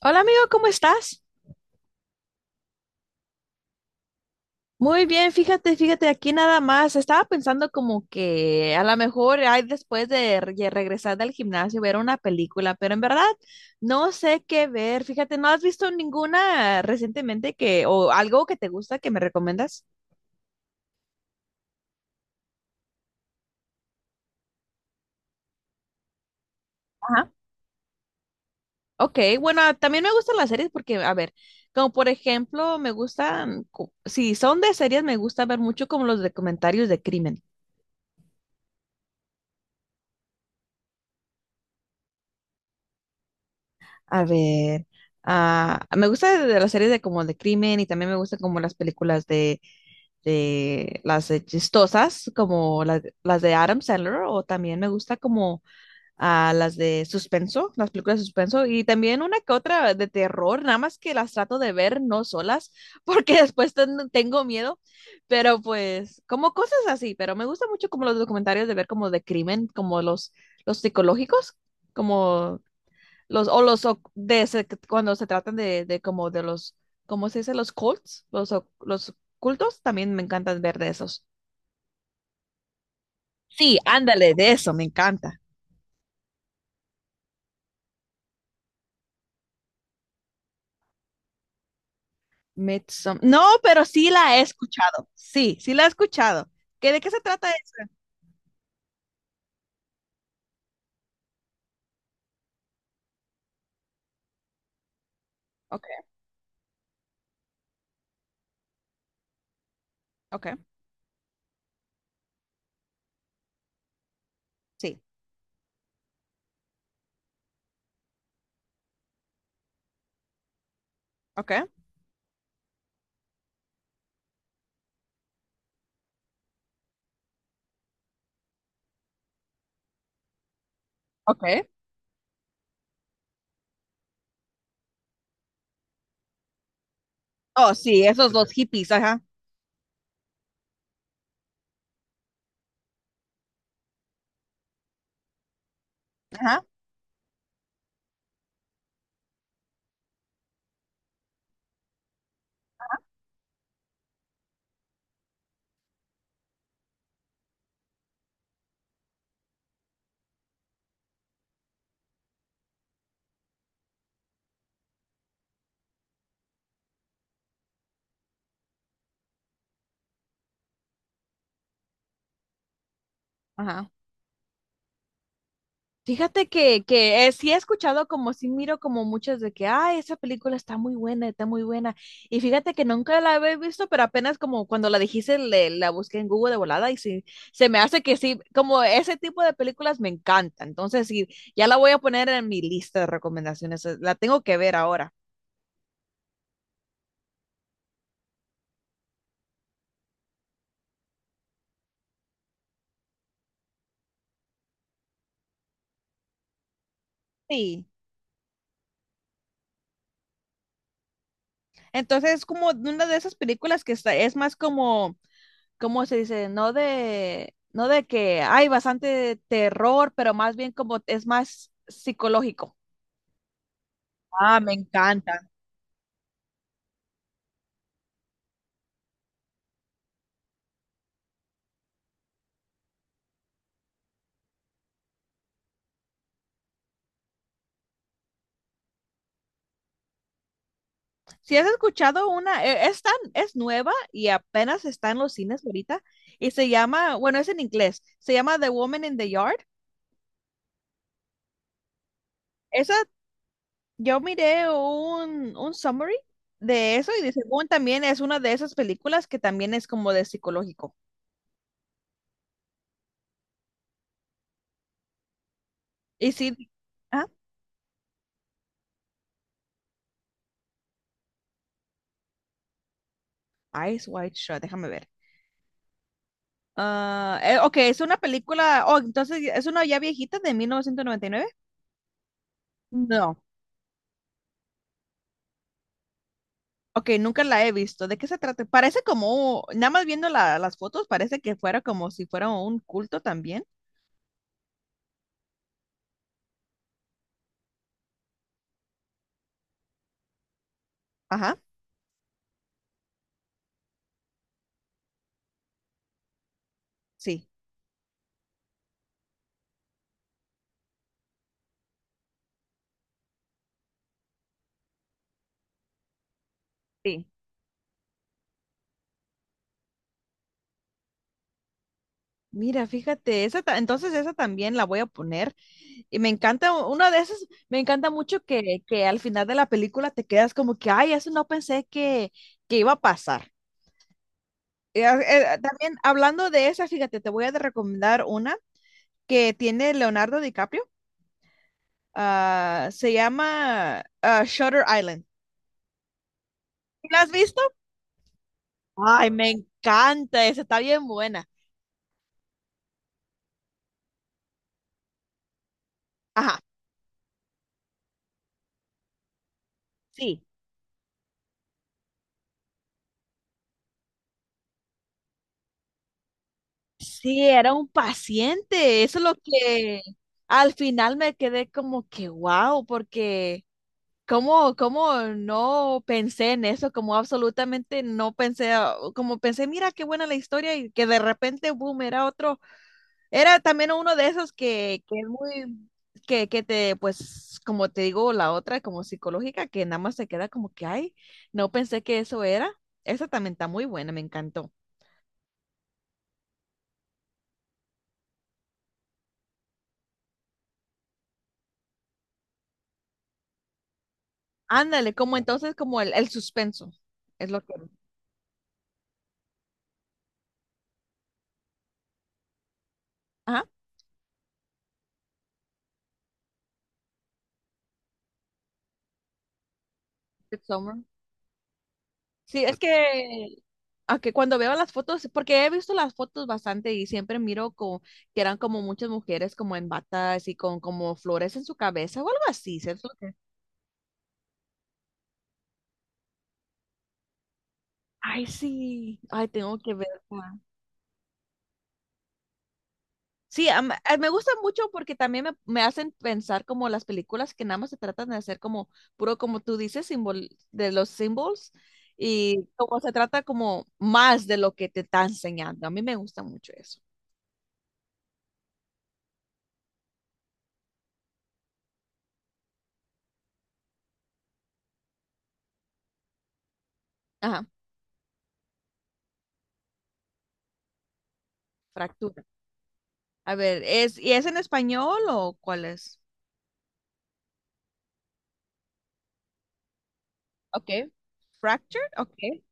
Hola amigo, ¿cómo estás? Muy bien, fíjate, aquí nada más. Estaba pensando como que a lo mejor hay después de regresar del gimnasio ver una película, pero en verdad no sé qué ver. Fíjate, ¿no has visto ninguna recientemente que o algo que te gusta que me recomiendas? Ajá. Ok, bueno, también me gustan las series porque, a ver, como por ejemplo, me gustan, si son de series, me gusta ver mucho como los documentarios de crimen. A ver, me gusta de las series de como de crimen y también me gustan como las películas de las de chistosas, como las de Adam Sandler, o también me gusta como las de suspenso, las películas de suspenso, y también una que otra de terror, nada más que las trato de ver no solas, porque después tengo miedo, pero pues como cosas así, pero me gusta mucho como los documentarios de ver como de crimen, como los psicológicos, como... Los, o los cuando se tratan de como de los, ¿cómo se dice? Los cults, los, los cultos, también me encantan ver de esos. Sí, ándale, de eso, me encanta. No, pero sí la he escuchado. Sí la he escuchado. ¿Qué, de qué se trata eso? Ok, ok, sí, ok, ok. Oh, sí, esos dos hippies, ajá, ajá, ajá. Fíjate que sí he escuchado como sí miro como muchas de que, ay, esa película está muy buena, está muy buena. Y fíjate que nunca la había visto, pero apenas como cuando la dijiste, la busqué en Google de volada y sí, se me hace que sí, como ese tipo de películas me encanta. Entonces sí, ya la voy a poner en mi lista de recomendaciones, la tengo que ver ahora. Sí. Entonces es como de una de esas películas que está, es más como ¿cómo se dice? No de que hay bastante terror, pero más bien como es más psicológico. Ah, me encanta. Si has escuchado una, es nueva y apenas está en los cines ahorita y se llama, bueno, es en inglés, se llama The Woman in the Yard. Esa, yo miré un summary de eso y de según también es una de esas películas que también es como de psicológico. Y sí, ah, Eyes Wide Shut, déjame ver. Ah, ok, es una película. Oh, entonces es una ya viejita de 1999. No. Ok, nunca la he visto. ¿De qué se trata? Parece como, nada más viendo las fotos, parece que fuera como si fuera un culto también. Ajá, sí. Sí. Mira, fíjate, entonces esa también la voy a poner. Y me encanta, una de esas, me encanta mucho que al final de la película te quedas como que, ay, eso no pensé que iba a pasar. También hablando de esa, fíjate, te voy a recomendar una que tiene Leonardo DiCaprio. Ah, se llama Shutter Island. ¿La has visto? Ay, me encanta, esa está bien buena. Ajá, sí. Sí, era un paciente. Eso es lo que al final me quedé como que wow, porque cómo, cómo no pensé en eso, como absolutamente no pensé, como pensé, mira qué buena la historia y que de repente, boom, era otro. Era también uno de esos que es muy, que pues, como te digo, la otra como psicológica, que nada más se queda como que, ay, no pensé que eso era. Esa también está muy buena, me encantó. Ándale, como entonces, como el suspenso, es lo que... Ajá, Midsommar. Sí, es que, a que cuando veo las fotos, porque he visto las fotos bastante y siempre miro como, que eran como muchas mujeres como en batas y con como flores en su cabeza o algo así, ¿cierto? Ay, sí, ay, tengo que ver. Sí, me gustan mucho porque también me hacen pensar como las películas que nada más se tratan de hacer como puro, como tú dices, simbol, de los symbols y como se trata como más de lo que te está enseñando. A mí me gusta mucho eso. Ajá, fractura. A ver, es, ¿y es en español o cuál es? Okay. Fractured, okay.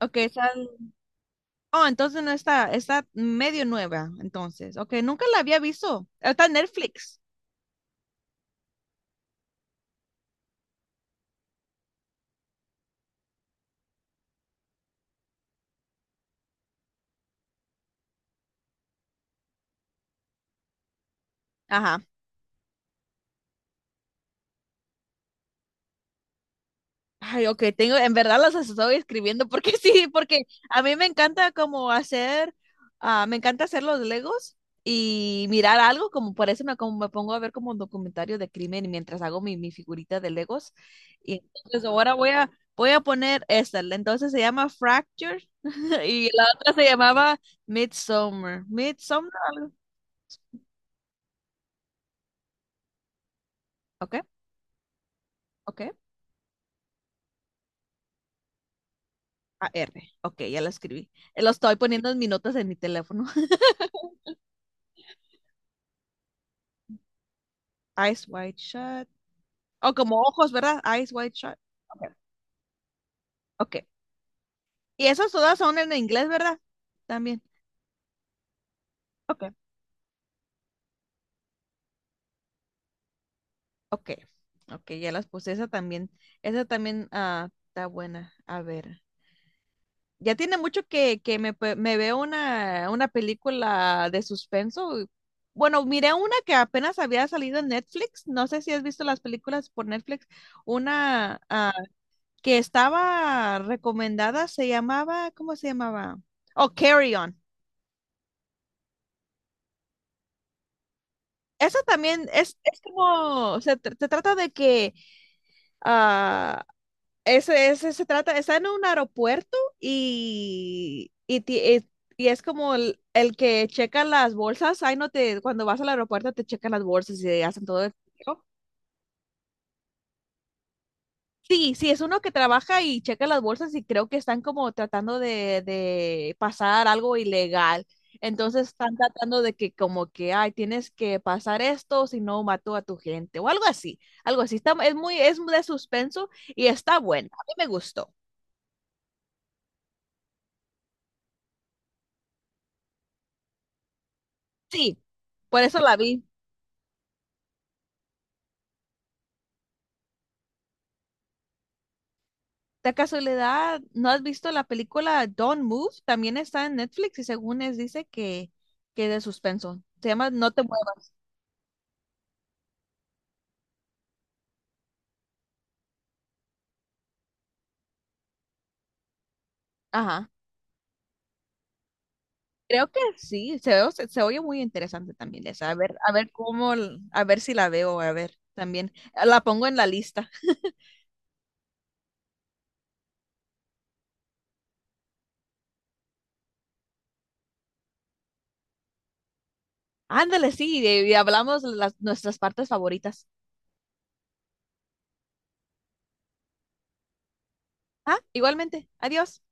Okay, esa- Oh, entonces no está, está medio nueva, entonces. Okay, nunca la había visto. Está en Netflix. Ajá. Ay, ok, tengo, en verdad las estoy escribiendo porque sí, porque a mí me encanta como hacer, me encanta hacer los Legos y mirar algo, como por eso como me pongo a ver como un documentario de crimen y mientras hago mi figurita de Legos. Y entonces ahora voy a poner esta, entonces se llama Fracture y la otra se llamaba Midsummer. Midsummer, ok, ok, A-R, ok, ya la escribí. Lo estoy poniendo en mis notas en mi teléfono. Eyes Wide Shut. O como ojos, ¿verdad? Eyes wide shut. Ok. Ok. Y esas todas son en inglés, ¿verdad? También. Ok. Ok. Ok, ya las puse. Esa también. Esa también está buena. A ver. Ya tiene mucho que me veo una película de suspenso. Y- Bueno, miré una que apenas había salido en Netflix. No sé si has visto las películas por Netflix. Una que estaba recomendada se llamaba, ¿cómo se llamaba? Oh, Carry On. Eso también es como, se, se trata de que ah, ese, ese se trata, está en un aeropuerto y, y es como el que checa las bolsas. Ahí no te, cuando vas al aeropuerto te checan las bolsas y hacen todo el chequeo. Sí, sí, es uno que trabaja y checa las bolsas y creo que están como tratando de pasar algo ilegal. Entonces están tratando de que como que, ay, tienes que pasar esto, si no mató a tu gente o algo así, algo así. Está, es muy, es de suspenso y está buena. A mí me gustó. Sí, por eso la vi. De casualidad, ¿no has visto la película Don't Move? También está en Netflix y según es dice que de suspenso. Se llama No te muevas. Ajá. Creo que sí, se oye muy interesante también esa. A ver cómo, a ver si la veo, a ver también. La pongo en la lista. Ándale, sí, y hablamos las, nuestras partes favoritas. Ah, igualmente. Adiós.